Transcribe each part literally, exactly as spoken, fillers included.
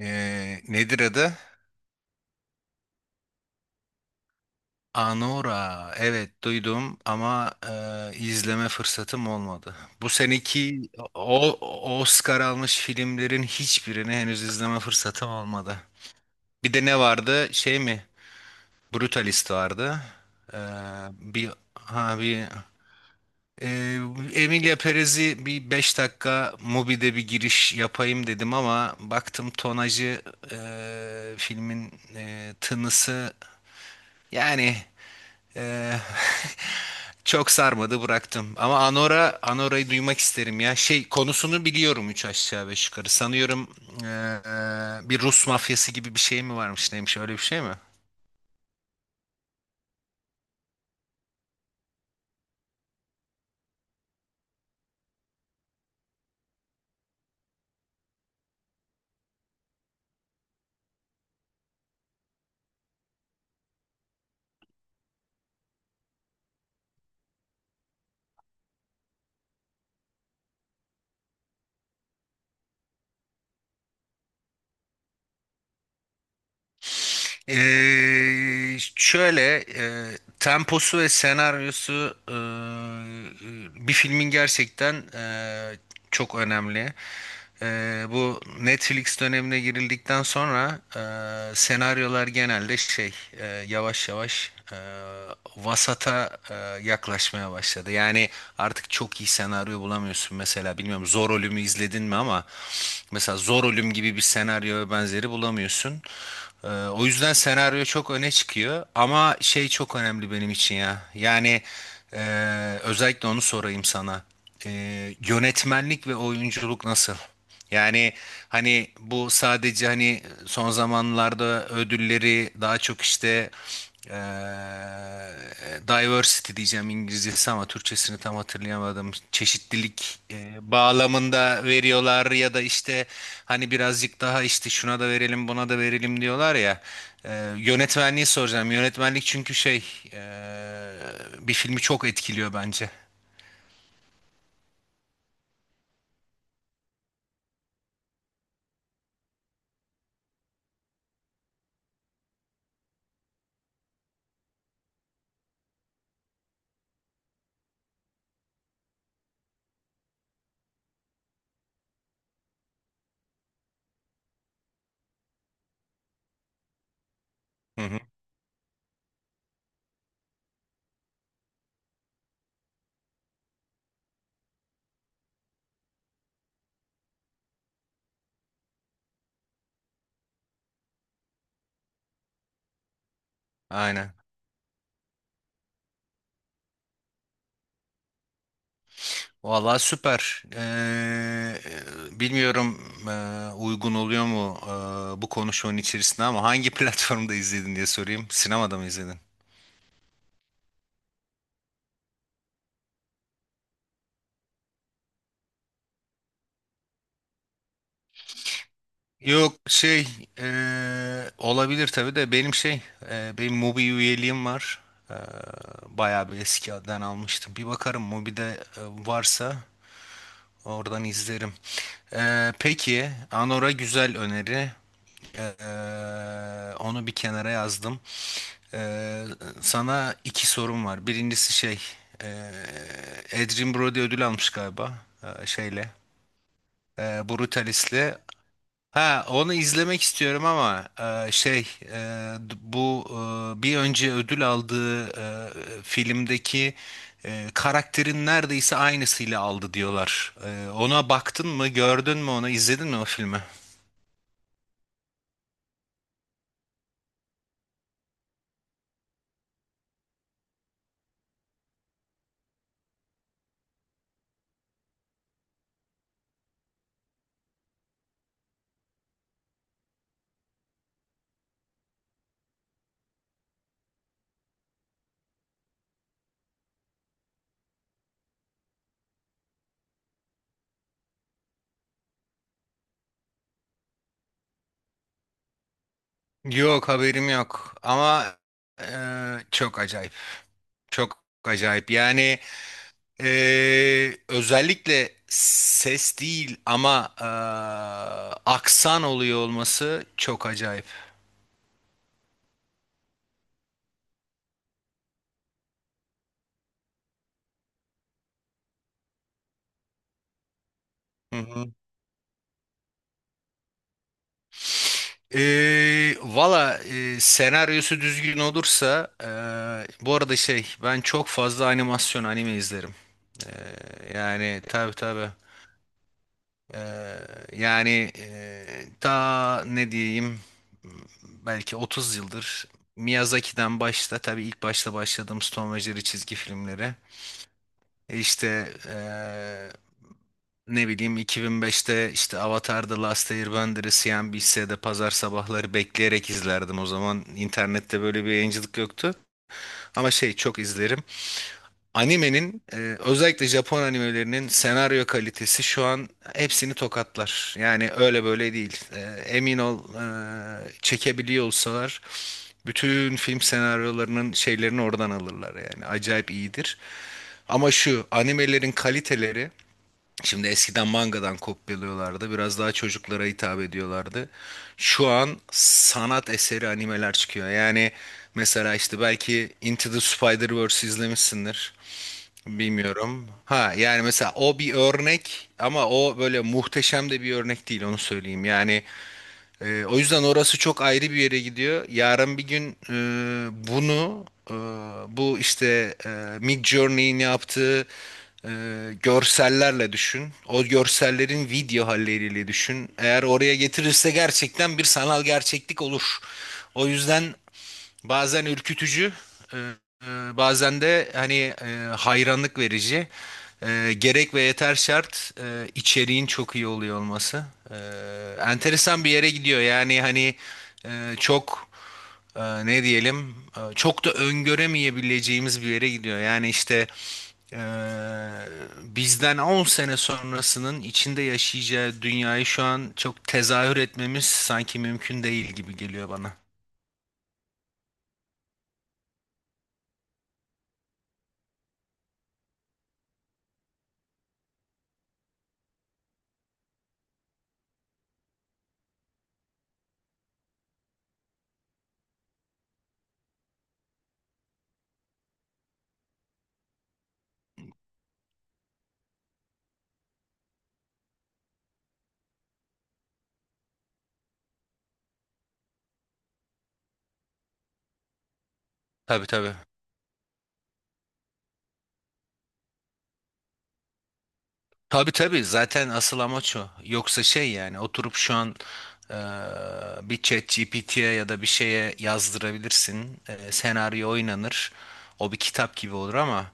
Ee, nedir adı? Anora. Evet duydum ama e, izleme fırsatım olmadı. Bu seneki o o- Oscar almış filmlerin hiçbirini henüz izleme fırsatım olmadı. Bir de ne vardı? Şey mi? Brutalist vardı. Ee, bir ha bir ee, Emilia Perez'i bir beş dakika Mubi'de bir giriş yapayım dedim ama baktım tonajı, e, filmin e, tınısı, yani… Ee, çok sarmadı, bıraktım. Ama Anora, Anora'yı duymak isterim ya. Şey, konusunu biliyorum üç aşağı beş yukarı. Sanıyorum ee, bir Rus mafyası gibi bir şey mi varmış, neymiş, öyle bir şey mi? Ee, şöyle e, temposu ve senaryosu, e, e, bir filmin, gerçekten e, çok önemli. E, bu Netflix dönemine girildikten sonra e, senaryolar genelde şey, e, yavaş yavaş e, vasata e, yaklaşmaya başladı. Yani artık çok iyi iyi senaryo bulamıyorsun mesela. Bilmiyorum, Zor Ölüm'ü izledin mi, ama mesela Zor Ölüm gibi bir senaryo ve benzeri bulamıyorsun. Ee, o yüzden senaryo çok öne çıkıyor ama şey çok önemli benim için ya. Yani, e, özellikle onu sorayım sana. Ee, yönetmenlik ve oyunculuk nasıl? Yani hani bu sadece hani son zamanlarda ödülleri daha çok işte eee diversity diyeceğim, İngilizcesi, ama Türkçesini tam hatırlayamadım. Çeşitlilik eee, bağlamında veriyorlar, ya da işte hani birazcık daha işte şuna da verelim buna da verelim diyorlar ya. Eee, Yönetmenliği soracağım. Yönetmenlik, çünkü şey eee, bir filmi çok etkiliyor bence. Hı hı. Aynen. Valla süper. Ee, bilmiyorum, ee, uygun oluyor mu ee, bu konuşmanın içerisinde ama hangi platformda izledin diye sorayım. Sinemada mı izledin? Yok şey, ee, olabilir tabii de benim şey, ee, benim Mubi üyeliğim var. Ee, Bayağı bir eskiden almıştım. Bir bakarım Mubi'de e, varsa. Oradan izlerim. Ee, peki, Anora güzel öneri. Ee, onu bir kenara yazdım. Ee, Sana iki sorum var. Birincisi şey, ee, Adrien Brody ödül almış galiba, ee, şeyle, ee, Brutalis'le. Ha, onu izlemek istiyorum ama e, şey e, d- bu e, bir önce ödül aldığı e, filmdeki e, karakterin neredeyse aynısıyla aldı diyorlar. E, ona baktın mı, gördün mü onu, izledin mi o filmi? Yok, haberim yok, ama e, çok acayip. Çok acayip. Yani e, özellikle ses değil ama e, aksan oluyor olması çok acayip. Hı hı. Ee, valla, e, senaryosu düzgün olursa… e, Bu arada şey, ben çok fazla animasyon, anime izlerim. Ee, Yani tabii tabii. Ee, Yani, e, ta ne diyeyim, belki otuz yıldır Miyazaki'den, başta tabii ilk başta başladığım Stone ve Jerry çizgi filmleri. E, İşte eee, ne bileyim, iki bin beşte işte Avatar The Last Airbender'ı C N B C'de pazar sabahları bekleyerek izlerdim. O zaman internette böyle bir yayıncılık yoktu. Ama şey, çok izlerim. Animenin, e, özellikle Japon animelerinin senaryo kalitesi şu an hepsini tokatlar. Yani öyle böyle değil. E, emin ol, e, çekebiliyor olsalar bütün film senaryolarının şeylerini oradan alırlar yani. Acayip iyidir. Ama şu animelerin kaliteleri… Şimdi eskiden mangadan kopyalıyorlardı. Biraz daha çocuklara hitap ediyorlardı. Şu an sanat eseri animeler çıkıyor. Yani mesela işte belki Into the Spider-Verse izlemişsindir. Bilmiyorum. Ha, yani mesela o bir örnek ama o böyle muhteşem de bir örnek değil, onu söyleyeyim. Yani ee, o yüzden orası çok ayrı bir yere gidiyor. Yarın bir gün e, bunu, e, bu işte e, Mid Journey'in yaptığı e, görsellerle düşün. O görsellerin video halleriyle düşün. Eğer oraya getirirse gerçekten bir sanal gerçeklik olur. O yüzden… Bazen ürkütücü, e, e, bazen de hani e, hayranlık verici. E, gerek ve yeter şart, e, içeriğin çok iyi oluyor olması. E, Enteresan bir yere gidiyor. Yani hani e, çok, e, ne diyelim, e, çok da öngöremeyebileceğimiz bir yere gidiyor. Yani işte e, bizden on sene sonrasının içinde yaşayacağı dünyayı şu an çok tezahür etmemiz sanki mümkün değil gibi geliyor bana. Tabii tabii. Tabii tabii, zaten asıl amaç o. Yoksa şey, yani oturup şu an eee, bir chat G P T'ye ya da bir şeye yazdırabilirsin. Eee, senaryo oynanır. O bir kitap gibi olur ama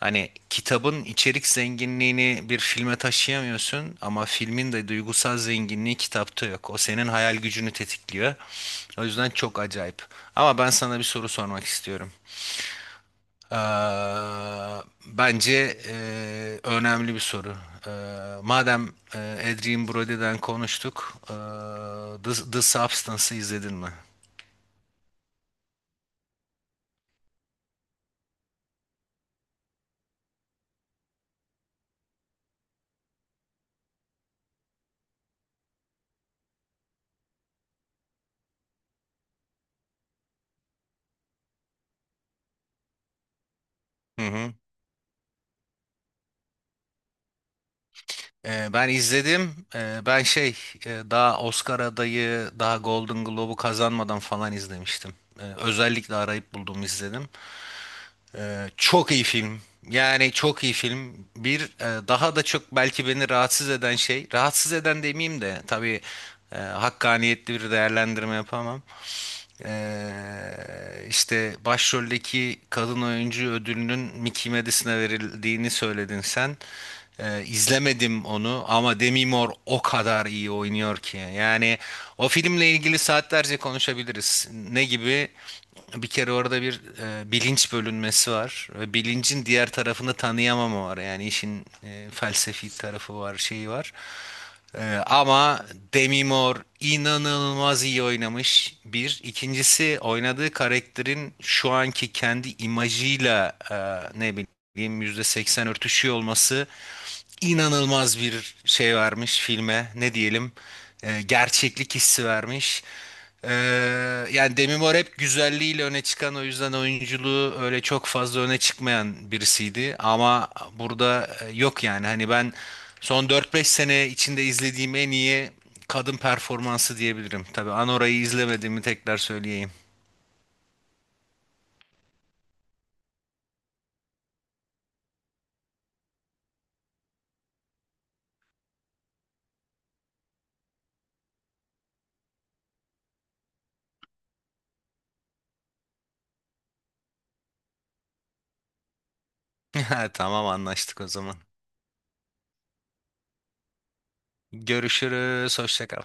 hani kitabın içerik zenginliğini bir filme taşıyamıyorsun, ama filmin de duygusal zenginliği kitapta yok. O senin hayal gücünü tetikliyor. O yüzden çok acayip. Ama ben sana bir soru sormak istiyorum. Eee, bence eee, önemli bir soru. Eee, madem eee Adrien Brody'den konuştuk, eee, The, The Substance'ı izledin mi? Hı hı. Eee, ben izledim. Eee, ben şey, eee, daha Oscar adayı, daha Golden Globe'u kazanmadan falan izlemiştim. Eee, özellikle arayıp buldum, izledim. Ee, çok iyi film. Yani çok iyi film. Bir e, daha da çok belki beni rahatsız eden şey, rahatsız eden demeyeyim de tabii e, hakkaniyetli bir değerlendirme yapamam. Ee, işte başroldeki kadın oyuncu ödülünün Mickey Madison'a verildiğini söyledin sen. Ee, izlemedim onu ama Demi Moore o kadar iyi oynuyor ki. Yani o filmle ilgili saatlerce konuşabiliriz. Ne gibi? Bir kere orada bir e, bilinç bölünmesi var ve bilincin diğer tarafını tanıyamama var. Yani işin e, felsefi tarafı var, şeyi var. Ee, ama Demi Moore inanılmaz iyi oynamış. Bir. İkincisi, oynadığı karakterin şu anki kendi imajıyla e, ne bileyim yüzde seksen örtüşüyor olması inanılmaz bir şey vermiş filme. Ne diyelim? E, gerçeklik hissi vermiş. Ee, Yani Demi Moore hep güzelliğiyle öne çıkan, o yüzden oyunculuğu öyle çok fazla öne çıkmayan birisiydi. Ama burada e, yok yani, hani ben son dört beş sene içinde izlediğim en iyi kadın performansı diyebilirim. Tabii Anora'yı izlemediğimi tekrar söyleyeyim. Tamam, anlaştık o zaman. Görüşürüz. Hoşça kal.